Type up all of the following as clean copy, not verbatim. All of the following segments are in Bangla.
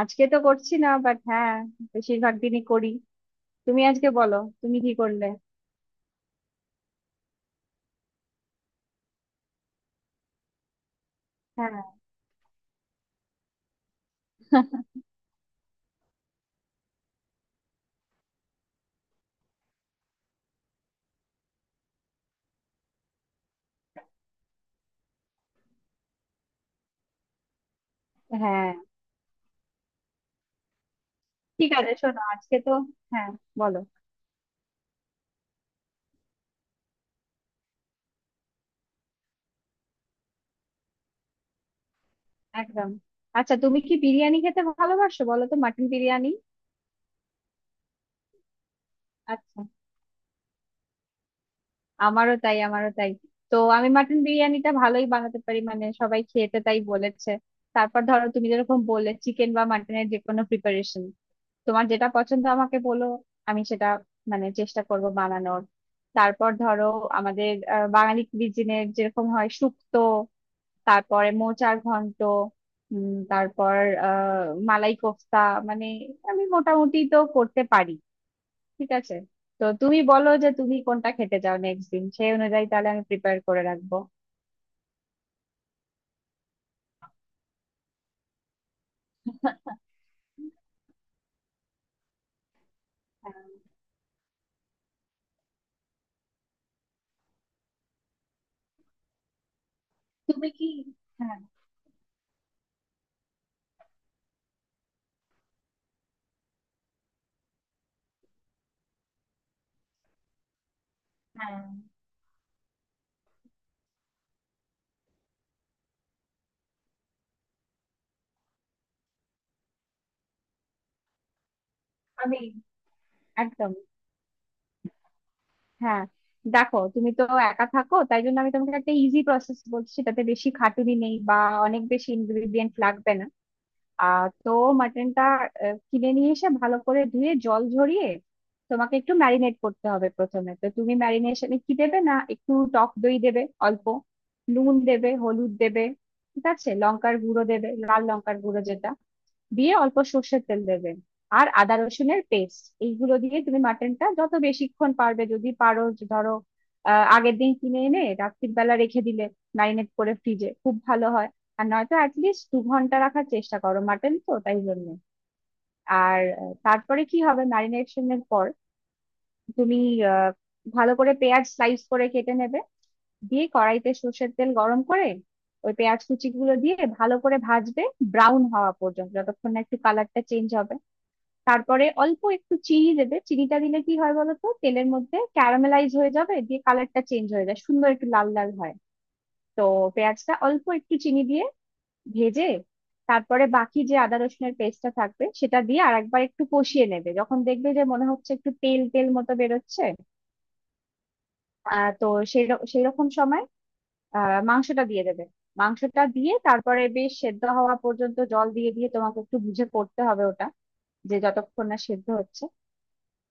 আজকে তো করছি না, বাট হ্যাঁ, বেশিরভাগ দিনই করি। তুমি আজকে বলো, তুমি কি করলে? হ্যাঁ। হ্যাঁ, ঠিক আছে, শোনো আজকে তো হ্যাঁ, বলো। একদম। আচ্ছা, তুমি কি বিরিয়ানি খেতে ভালোবাসো বলো তো? মাটন বিরিয়ানি? আচ্ছা, আমারও তাই, আমারও তাই। তো আমি মাটন বিরিয়ানিটা ভালোই বানাতে পারি, মানে সবাই খেতে তাই বলেছে। তারপর ধরো, তুমি যেরকম বললে চিকেন বা মাটনের যে কোনো প্রিপারেশন, তোমার যেটা পছন্দ আমাকে বলো, আমি সেটা মানে চেষ্টা করব বানানোর। তারপর ধরো, আমাদের বাঙালি কুইজিনের যেরকম হয়, শুক্তো, তারপরে মোচার ঘন্ট, তারপর মালাই কোফতা, মানে আমি মোটামুটি তো করতে পারি। ঠিক আছে, তো তুমি বলো যে তুমি কোনটা খেতে চাও নেক্সট দিন, সেই অনুযায়ী তাহলে আমি প্রিপেয়ার করে রাখবো। হ্যাঁ, তুমি কি হ্যাঁ, হ্যাঁ, আমি একদম। হ্যাঁ, দেখো তুমি তো একা থাকো, তাই জন্য আমি তোমাকে একটা ইজি প্রসেস বলছি, তাতে বেশি খাটুনি নেই বা অনেক বেশি ইনগ্রেডিয়েন্ট লাগবে না। তো মাটনটা কিনে নিয়ে এসে ভালো করে ধুয়ে জল ঝরিয়ে তোমাকে একটু ম্যারিনেট করতে হবে প্রথমে। তো তুমি ম্যারিনেশনে কি দেবে না, একটু টক দই দেবে অল্প, নুন দেবে, হলুদ দেবে, ঠিক আছে, লঙ্কার গুঁড়ো দেবে, লাল লঙ্কার গুঁড়ো যেটা, দিয়ে অল্প সর্ষের তেল দেবে, আর আদা রসুনের পেস্ট। এইগুলো দিয়ে তুমি মাটনটা যত বেশিক্ষণ পারবে, যদি পারো যে ধরো আগের দিন কিনে এনে রাত্রির বেলা রেখে দিলে ম্যারিনেট করে ফ্রিজে, খুব ভালো হয়। আর নয়তো অ্যাটলিস্ট 2 ঘন্টা রাখার চেষ্টা করো, মাটন তো তাই জন্য। আর তারপরে কি হবে ম্যারিনেশনের পর, তুমি আহ, ভালো করে পেঁয়াজ স্লাইস করে কেটে নেবে, দিয়ে কড়াইতে সর্ষের তেল গরম করে ওই পেঁয়াজ কুচিগুলো দিয়ে ভালো করে ভাজবে, ব্রাউন হওয়া পর্যন্ত, যতক্ষণ না একটু কালারটা চেঞ্জ হবে। তারপরে অল্প একটু চিনি দেবে, চিনিটা দিলে কি হয় বলতো, তেলের মধ্যে ক্যারামেলাইজ হয়ে যাবে, দিয়ে কালারটা চেঞ্জ হয়ে যায়, সুন্দর একটু লাল লাল হয়। তো পেঁয়াজটা অল্প একটু চিনি দিয়ে ভেজে, তারপরে বাকি যে আদা রসুনের পেস্টটা থাকবে সেটা দিয়ে আরেকবার একটু কষিয়ে নেবে। যখন দেখবে যে মনে হচ্ছে একটু তেল তেল মতো বেরোচ্ছে, তো সেই সেই রকম সময় মাংসটা দিয়ে দেবে। মাংসটা দিয়ে তারপরে বেশ সেদ্ধ হওয়া পর্যন্ত জল দিয়ে দিয়ে তোমাকে একটু বুঝে করতে হবে ওটা, যে যতক্ষণ না সেদ্ধ হচ্ছে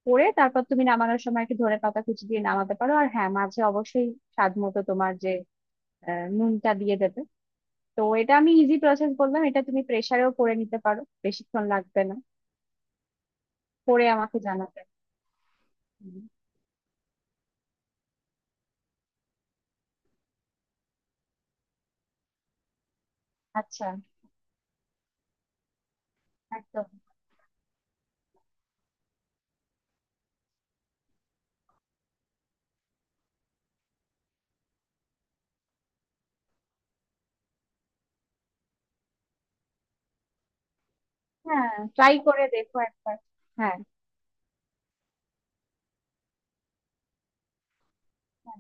করে, তারপর তুমি নামানোর সময় একটু ধনে পাতা কুচি দিয়ে নামাতে পারো। আর হ্যাঁ, মাঝে অবশ্যই স্বাদ মতো তোমার যে নুনটা দিয়ে দেবে। তো এটা আমি ইজি প্রসেস বললাম, এটা তুমি প্রেসারেও করে নিতে পারো, বেশিক্ষণ লাগবে না। করে আমাকে জানাবে। হুম। আচ্ছা। একদম। হ্যাঁ, ট্রাই করে দেখো একবার। হ্যাঁ। হ্যাঁ।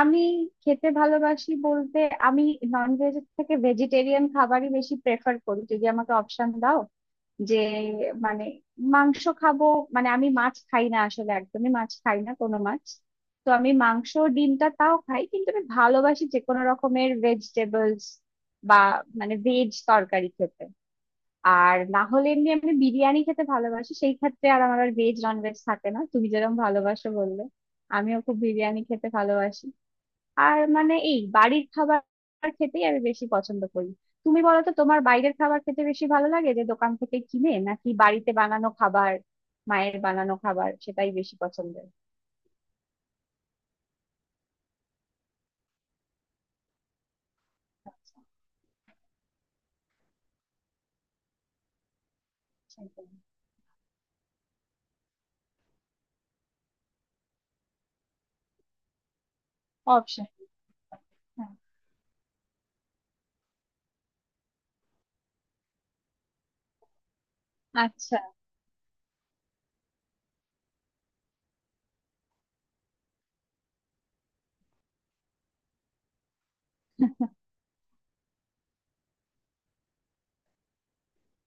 আমি খেতে ভালোবাসি বলতে, আমি নন ভেজ থেকে ভেজিটেরিয়ান খাবারই বেশি প্রেফার করি, যদি আমাকে অপশন দাও। যে মানে মাংস খাবো মানে, আমি মাছ খাই না আসলে, একদমই মাছ খাই না, কোনো মাছ। তো আমি মাংস ডিমটা তাও খাই, কিন্তু আমি ভালোবাসি যে কোনো রকমের ভেজিটেবলস বা মানে ভেজ তরকারি খেতে। আর না হলে এমনি আমি বিরিয়ানি খেতে ভালোবাসি, সেই ক্ষেত্রে আর আমার আর ভেজ নন ভেজ থাকে না। তুমি যেরকম ভালোবাসো বললে, আমিও খুব বিরিয়ানি খেতে ভালোবাসি। আর মানে এই বাড়ির খাবার খেতেই আমি বেশি পছন্দ করি। তুমি বলো তো, তোমার বাইরের খাবার খেতে বেশি ভালো লাগে, যে দোকান থেকে কিনে, নাকি বাড়িতে বানানো খাবার? মায়ের বানানো খাবার সেটাই বেশি পছন্দের। আচ্ছা। সেটাই। অপশন। হ্যাঁ। আচ্ছা।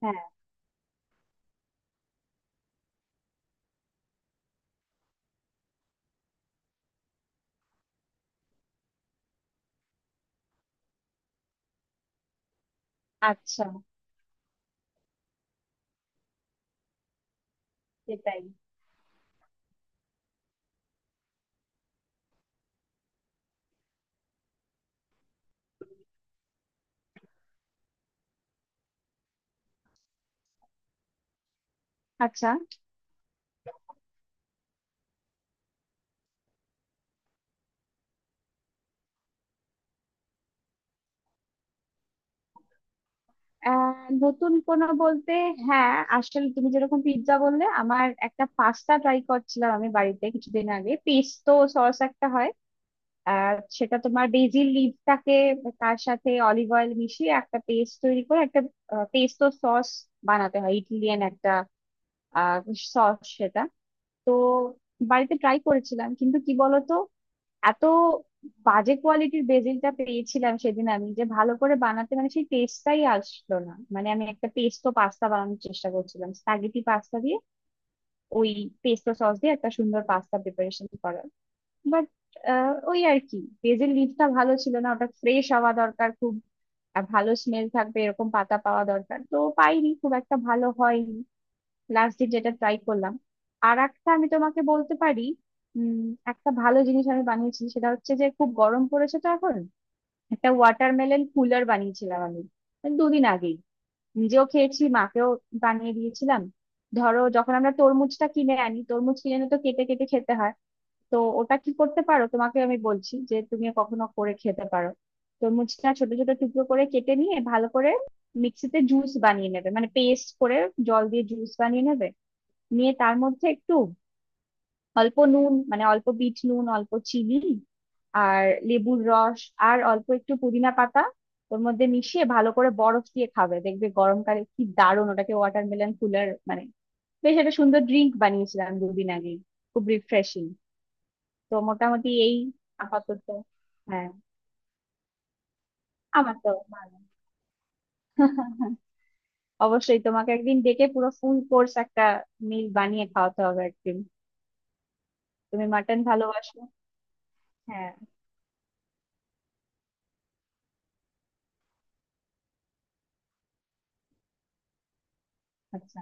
হ্যাঁ। আচ্ছা। সেটাই। আচ্ছা। আহ নতুন কোনো বলতে হ্যাঁ, আসলে তুমি যেরকম পিৎজা বললে, আমার একটা পাস্তা ট্রাই করছিলাম আমি বাড়িতে কিছুদিন আগে। পেস্তো সস একটা হয়, আর সেটা তোমার বেজিল লিভটাকে তার সাথে অলিভ অয়েল মিশিয়ে একটা পেস্ট তৈরি করে একটা পেস্তো সস বানাতে হয়, ইটালিয়ান একটা সস সেটা। তো বাড়িতে ট্রাই করেছিলাম, কিন্তু কি বলতো, এত বাজে কোয়ালিটির বেজিলটা পেয়েছিলাম সেদিন আমি, যে ভালো করে বানাতে মানে সেই টেস্টটাই আসলো না। মানে আমি একটা পেস্তো পাস্তা বানানোর চেষ্টা করছিলাম স্প্যাগেটি পাস্তা দিয়ে, ওই পেস্তো সস দিয়ে একটা সুন্দর পাস্তা প্রিপারেশন করার। বাট ওই আর কি, পেঁয়াজের লিভটা ভালো ছিল না, ওটা ফ্রেশ হওয়া দরকার খুব, আর ভালো স্মেল থাকবে এরকম পাতা পাওয়া দরকার, তো পাইনি, খুব একটা ভালো হয়নি লাস্ট দিন যেটা ট্রাই করলাম। আর একটা আমি তোমাকে বলতে পারি, উম একটা ভালো জিনিস আমি বানিয়েছি, সেটা হচ্ছে যে খুব গরম পড়েছে তো এখন, একটা ওয়াটারমেলন কুলার বানিয়েছিলাম আমি 2 দিন আগেই। নিজেও খেয়েছি, মাকেও বানিয়ে দিয়েছিলাম। ধরো যখন আমরা তরমুজটা কিনে আনি, তরমুজ কিনে এনে তো কেটে কেটে খেতে হয়। তো ওটা কি করতে পারো তোমাকে আমি বলছি, যে তুমি কখনো করে খেতে পারো। তরমুজটা ছোট ছোট টুকরো করে কেটে নিয়ে, ভালো করে মিক্সিতে জুস বানিয়ে নেবে মানে পেস্ট করে, জল দিয়ে জুস বানিয়ে নেবে। নিয়ে তার মধ্যে একটু অল্প নুন, মানে অল্প বিট নুন, অল্প চিনি, আর লেবুর রস, আর অল্প একটু পুদিনা পাতা ওর মধ্যে মিশিয়ে, ভালো করে বরফ দিয়ে খাবে। দেখবে গরমকালে কি দারুণ, ওটাকে ওয়াটারমেলন কুলার মানে বেশ একটা সুন্দর ড্রিঙ্ক বানিয়েছিলাম 2 দিন আগে, খুব রিফ্রেশিং। তো মোটামুটি এই আপাতত। হ্যাঁ। আমার তো ভালো। অবশ্যই তোমাকে একদিন ডেকে পুরো ফুল কোর্স একটা মিল বানিয়ে খাওয়াতে হবে একদিন। তুমি মাটন ভালোবাসো? হ্যাঁ। আচ্ছা।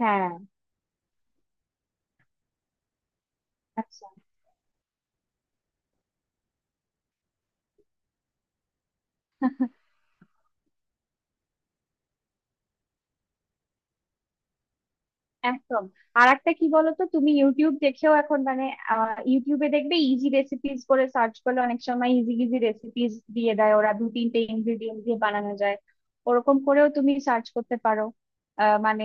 হ্যাঁ। আচ্ছা। একদম। আর একটা কি বলতো, তুমি ইউটিউব দেখেও এখন মানে ইউটিউবে দেখবে ইজি রেসিপিস করে সার্চ করলে অনেক সময় ইজি ইজি রেসিপিস দিয়ে দেয় ওরা, 2-3টে ইনগ্রিডিয়েন্ট দিয়ে বানানো যায়। ওরকম করেও তুমি সার্চ করতে পারো। মানে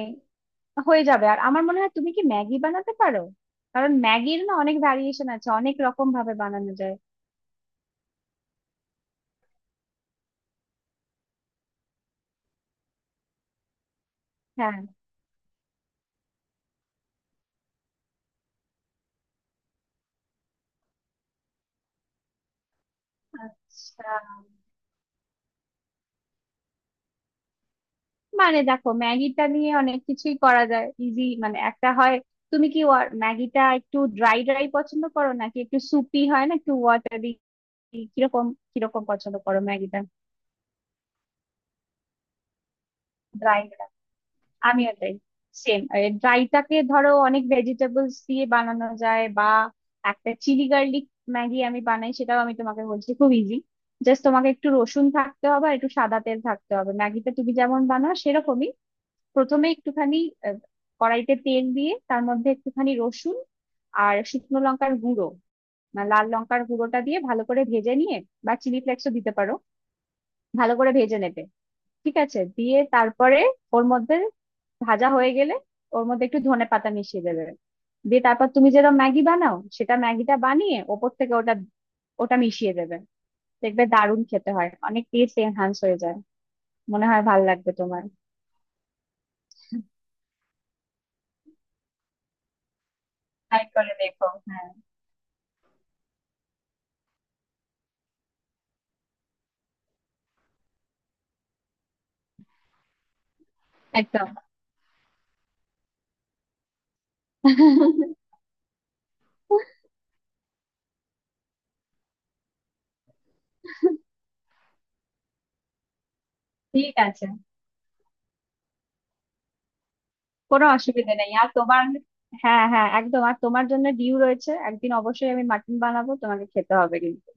হয়ে যাবে। আর আমার মনে হয় তুমি কি ম্যাগি বানাতে পারো? কারণ ম্যাগির না অনেক ভ্যারিয়েশন আছে, অনেক রকম ভাবে বানানো যায়। হ্যাঁ। আচ্ছা। মানে দেখো ম্যাগিটা নিয়ে অনেক কিছুই করা যায় ইজি, মানে একটা হয়। তুমি কি ম্যাগিটা একটু ড্রাই ড্রাই পছন্দ করো নাকি একটু সুপি, হয় না একটু ওয়াটারি, কিরকম, কিরকম পছন্দ করো ম্যাগিটা? ড্রাই? আমিও তাই, সেম। ড্রাইটাকে ধরো অনেক ভেজিটেবলস দিয়ে বানানো যায়, বা একটা চিলি গার্লিক ম্যাগি আমি বানাই, সেটাও আমি তোমাকে বলছি খুব ইজি। জাস্ট তোমাকে একটু রসুন থাকতে হবে আর একটু সাদা তেল থাকতে হবে। ম্যাগিটা তুমি যেমন বানাও সেরকমই। প্রথমে একটুখানি আহ, কড়াইতে তেল দিয়ে, তার মধ্যে একটুখানি রসুন আর শুকনো লঙ্কার গুঁড়ো না, লাল লঙ্কার গুঁড়োটা দিয়ে ভালো করে ভেজে নিয়ে, বা চিলি ফ্লেক্সও দিতে পারো, ভালো করে ভেজে নেবে। ঠিক আছে, দিয়ে তারপরে ওর মধ্যে ভাজা হয়ে গেলে ওর মধ্যে একটু ধনে পাতা মিশিয়ে দেবে। দিয়ে তারপর তুমি যেটা ম্যাগি বানাও সেটা ম্যাগিটা বানিয়ে ওপর থেকে ওটা ওটা মিশিয়ে দেবে। দেখবে দারুণ খেতে হয়, অনেক টেস্ট এনহান্স হয়ে যায়। মনে হয় ভালো লাগবে তোমার। ট্রাই করে দেখো, হ্যাঁ। একদম। ঠিক আছে, কোনো অসুবিধা নেই। আর তোমার হ্যাঁ, হ্যাঁ, একদম, আর তোমার জন্য ডিউ রয়েছে, একদিন অবশ্যই আমি মাটন বানাবো, তোমাকে খেতে হবে কিন্তু।